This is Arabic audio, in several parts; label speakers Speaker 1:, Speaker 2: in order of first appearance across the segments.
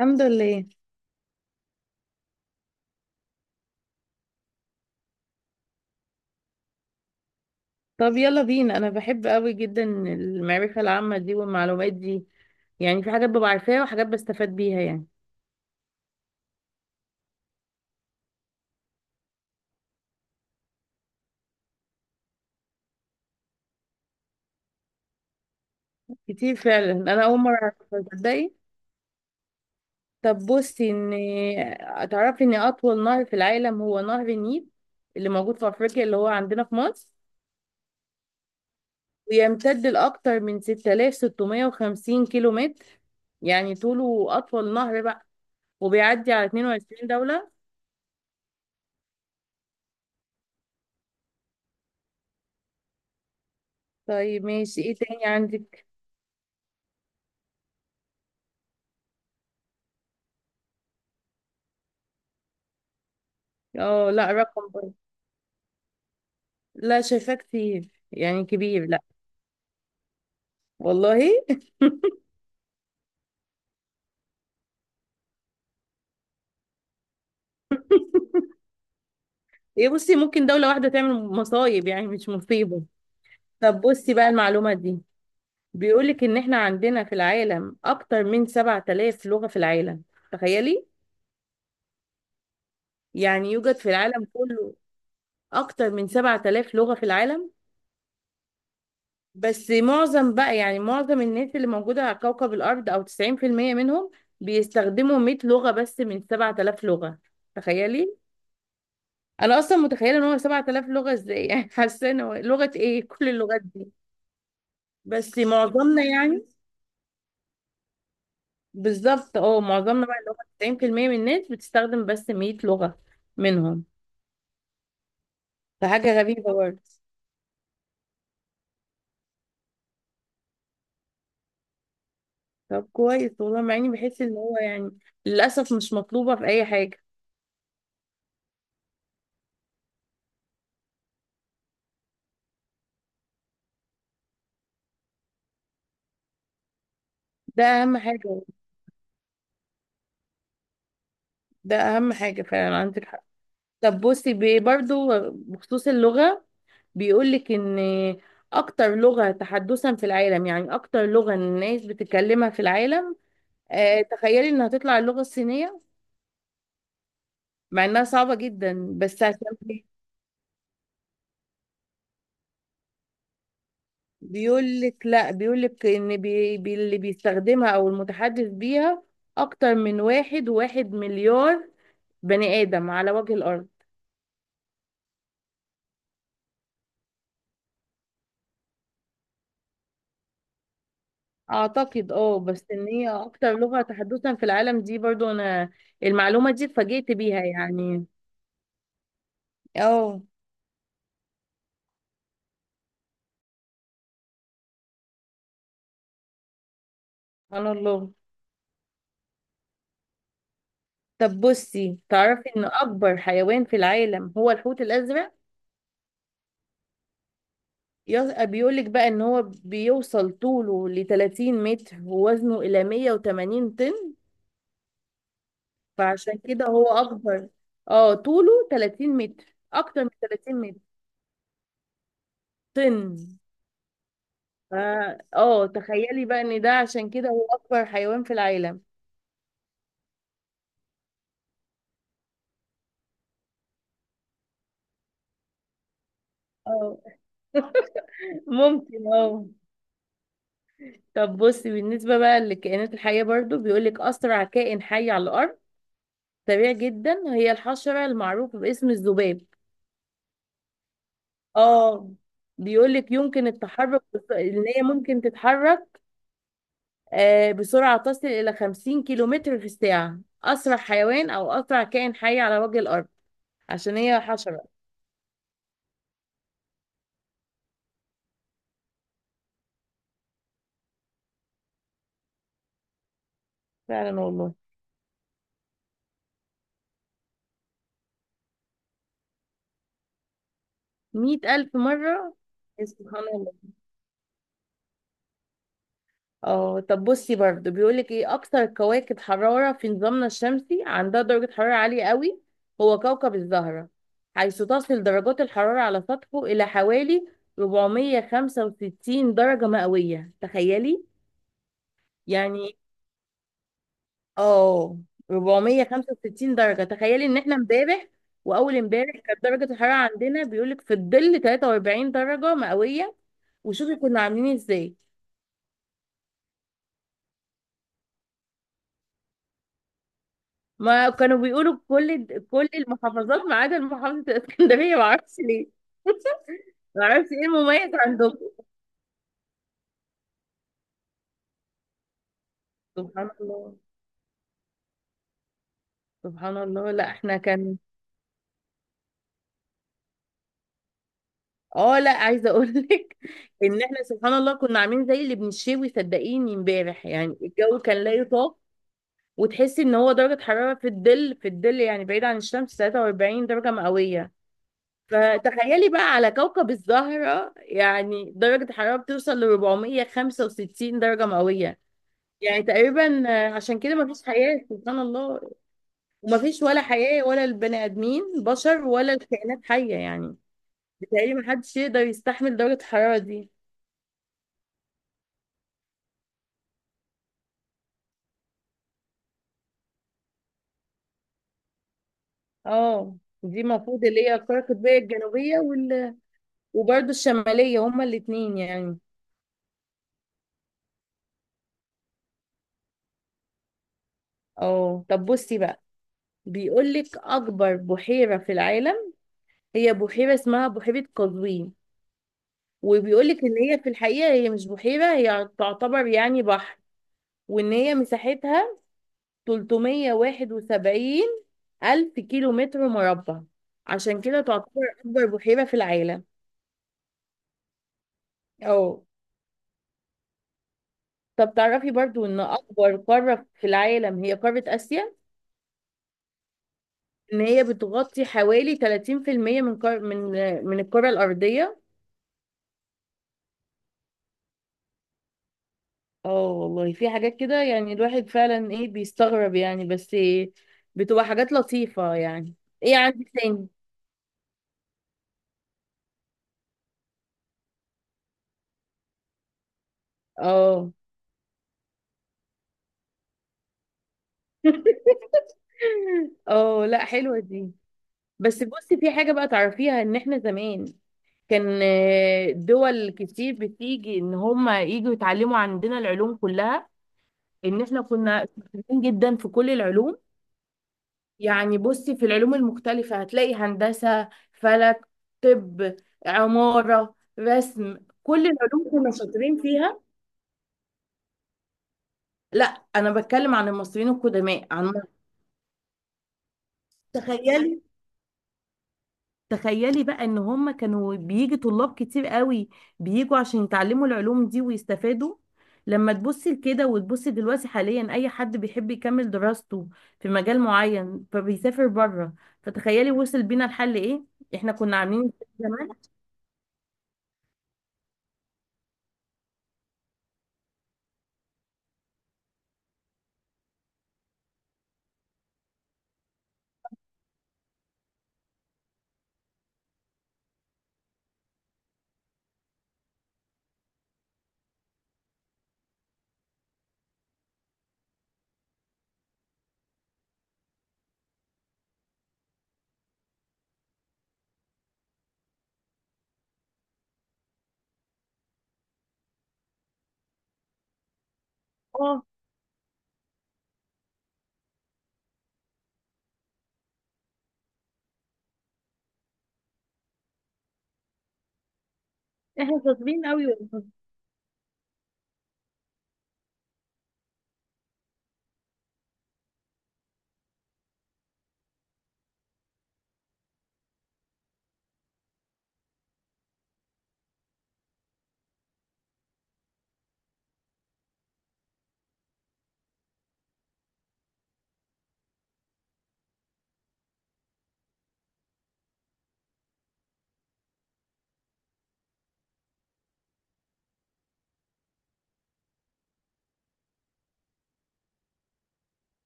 Speaker 1: الحمد لله. طب يلا بينا، انا بحب قوي جدا المعرفة العامة دي والمعلومات دي. يعني في حاجات ببقى عارفاها وحاجات بستفاد بيها يعني. كتير فعلا، انا اول مرة اعرف، تصدقي. طب بصي، ان تعرفي ان اطول نهر في العالم هو نهر النيل اللي موجود في افريقيا اللي هو عندنا في مصر، ويمتد لاكثر من 6650 كيلو متر، يعني طوله اطول نهر بقى، وبيعدي على 22 دولة. طيب ماشي، ايه تاني عندك؟ اه لا، رقم. لا، شايفاه كتير يعني، كبير لا. والله ايه بصي، ممكن دولة واحدة تعمل مصايب، يعني مش مصيبة. طب بصي بقى المعلومة دي، بيقولك ان احنا عندنا في العالم اكتر من 7000 لغة في العالم، تخيلي. يعني يوجد في العالم كله اكتر من 7000 لغة في العالم. بس معظم بقى، يعني معظم الناس اللي موجودة على كوكب الارض، او 90% منهم، بيستخدموا 100 لغة بس من 7000 لغة، تخيلي. انا اصلا متخيله ان هو 7000 لغه ازاي، يعني حاسه إن هو لغه ايه كل اللغات دي. بس معظمنا يعني، بالظبط، اه معظمنا بقى اللي هو 90% من الناس بتستخدم بس 100 لغه منهم، فحاجه غريبه برضه. طب كويس والله، مع اني بحس ان هو يعني، للاسف مش مطلوبه في اي حاجه. ده اهم حاجه، ده اهم حاجه فعلا، عندك حق. طب بصي، برضو بخصوص اللغه، بيقول لك ان اكتر لغه تحدثا في العالم، يعني اكتر لغه الناس بتتكلمها في العالم، تخيلي انها تطلع اللغة الصينية. مع انها صعبة جدا، بس عشان بيقول لك لا، بيقول لك ان بي بي اللي بيستخدمها او المتحدث بيها اكتر من واحد وواحد مليار بني ادم على وجه الارض. اعتقد اه، بس ان هي اكتر لغة تحدثا في العالم دي، برضو انا المعلومة دي اتفاجئت بيها يعني. اه سبحان الله. طب بصي، تعرفي ان اكبر حيوان في العالم هو الحوت الازرق. بيقولك بقى ان هو بيوصل طوله ل 30 متر، ووزنه الى 180 طن، فعشان كده هو اكبر. اه طوله 30 متر، اكتر من 30 متر، طن. ف- اه تخيلي بقى ان ده عشان كده هو اكبر حيوان في العالم. اه ممكن اه. طب بصي، بالنسبة بقى للكائنات الحية برضو، بيقولك أسرع كائن حي على الأرض، سريع جدا، هي الحشرة المعروفة باسم الذباب. اه بيقول لك يمكن التحرك، ان هي ممكن تتحرك بسرعه تصل الى 50 كيلومتر في الساعه، اسرع حيوان او اسرع كائن حي على وجه الارض عشان هي حشره. فعلا والله. 100000 مره، سبحان الله. اه طب بصي برضه، بيقولك ايه اكثر كواكب حرارة في نظامنا الشمسي عندها درجة حرارة عالية قوي؟ هو كوكب الزهرة، حيث تصل درجات الحرارة على سطحه الى حوالي 465 درجة مئوية، تخيلي يعني. اه 465 درجة، تخيلي ان احنا امبارح واول امبارح كانت درجة الحرارة عندنا، بيقولك في الظل 43 درجة مئوية. وشوفي كنا عاملين إيه ازاي. ما كانوا بيقولوا كل المحافظات ما عدا محافظة الإسكندرية، ما اعرفش ليه. ما اعرفش ايه المميز عندكم. سبحان الله. سبحان الله، لا احنا كان، اه لا عايزة اقول لك ان احنا سبحان الله كنا عاملين زي اللي بنشوي، صدقيني امبارح يعني الجو كان لا يطاق. وتحسي ان هو درجة حرارة في الظل، في الظل يعني بعيد عن الشمس، 43 درجة مئوية. فتخيلي بقى على كوكب الزهرة يعني درجة حرارة بتوصل ل 465 درجة مئوية، يعني تقريبا عشان كده مفيش حياة سبحان الله. ومفيش ولا حياة، ولا البني آدمين بشر، ولا الكائنات حية يعني. بتهيألي محدش يقدر يستحمل درجة الحرارة دي. اه دي المفروض اللي هي القارة القطبية الجنوبية وبرضه الشمالية، هما الاتنين يعني. اه طب بصي بقى، بيقولك أكبر بحيرة في العالم هي بحيرة اسمها بحيرة قزوين، وبيقولك إن هي في الحقيقة هي مش بحيرة، هي تعتبر يعني بحر. وإن هي مساحتها 371 ألف كيلو متر مربع، عشان كده تعتبر أكبر بحيرة في العالم. أو طب تعرفي برضو، إن أكبر قارة في العالم هي قارة آسيا، إن هي بتغطي حوالي 30% من قار... من من الكرة الأرضية. اه والله في حاجات كده يعني الواحد فعلا إيه بيستغرب يعني، بس إيه بتبقى حاجات لطيفة يعني. إيه عندك تاني؟ اه اه لا، حلوة دي. بس بصي في حاجة بقى تعرفيها، ان احنا زمان كان دول كتير بتيجي، ان هم يجوا يتعلموا عندنا العلوم كلها، ان احنا كنا شاطرين جدا في كل العلوم. يعني بصي في العلوم المختلفة هتلاقي هندسة، فلك، طب، عمارة، رسم، كل العلوم كنا شاطرين فيها. لا، انا بتكلم عن المصريين القدماء، عن مصر. تخيلي تخيلي بقى ان هم كانوا بيجي طلاب كتير قوي، بيجوا عشان يتعلموا العلوم دي ويستفادوا. لما تبصي لكده وتبصي دلوقتي، حاليا اي حد بيحب يكمل دراسته في مجال معين فبيسافر بره. فتخيلي وصل بينا الحل ايه، احنا كنا عاملين إزاي زمان. اه احنا شاطرين قوي والله.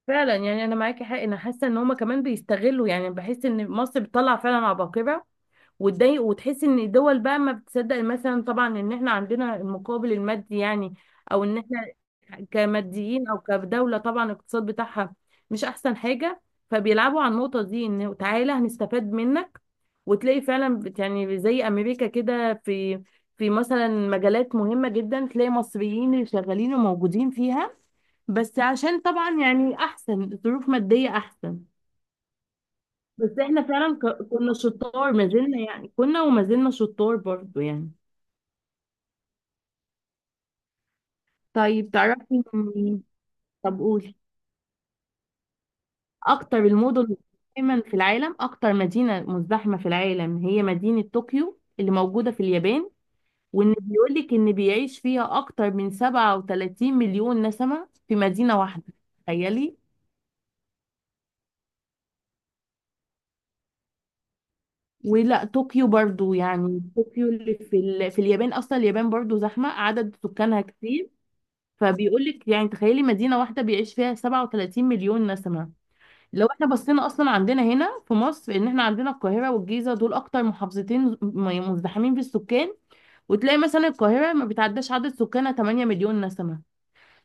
Speaker 1: فعلا، يعني انا معاكي حق، انا حاسه ان هم كمان بيستغلوا، يعني بحس ان مصر بتطلع فعلا عباقرة، وتضايق وتحس ان الدول بقى ما بتصدق مثلا. طبعا ان احنا عندنا المقابل المادي يعني، او ان احنا كماديين، او كدولة طبعا الاقتصاد بتاعها مش احسن حاجة. فبيلعبوا على النقطة دي، ان تعالى هنستفاد منك. وتلاقي فعلا يعني زي امريكا كده، في مثلا مجالات مهمة جدا، تلاقي مصريين اللي شغالين وموجودين فيها، بس عشان طبعا يعني احسن ظروف مادية احسن. بس احنا فعلا كنا شطار، ما زلنا يعني، كنا وما زلنا شطار برضو يعني. طيب تعرفي، طب قولي، اكتر المدن مزدحما في العالم، اكتر مدينة مزدحمة في العالم هي مدينة طوكيو اللي موجودة في اليابان. وان بيقولك ان بيعيش فيها اكتر من 37 مليون نسمة في مدينة واحدة، تخيلي. ولا طوكيو برضو، يعني طوكيو اللي في اليابان، اصلا اليابان برضو زحمة، عدد سكانها كتير. فبيقول لك يعني تخيلي مدينة واحدة بيعيش فيها 37 مليون نسمة. لو احنا بصينا اصلا عندنا هنا في مصر، ان احنا عندنا القاهرة والجيزة، دول اكتر محافظتين مزدحمين بالسكان، وتلاقي مثلا القاهرة ما بتعداش عدد سكانها 8 مليون نسمة.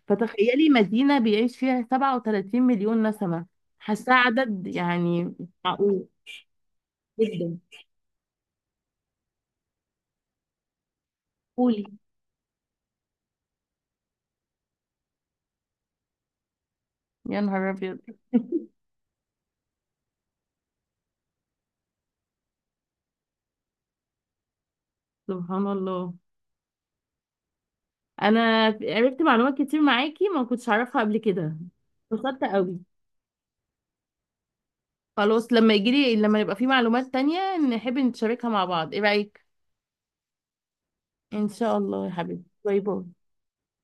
Speaker 1: فتخيلي مدينة بيعيش فيها 37 مليون نسمة، حاساه عدد يعني. معقول جدا. قولي، يا نهار ابيض سبحان الله. انا عرفت معلومات كتير معاكي ما كنتش اعرفها قبل كده، اتبسطت قوي. خلاص، لما يجيلي، لما يبقى في معلومات تانية، نحب نتشاركها مع بعض، ايه رأيك؟ ان شاء الله يا حبيبي، باي باي.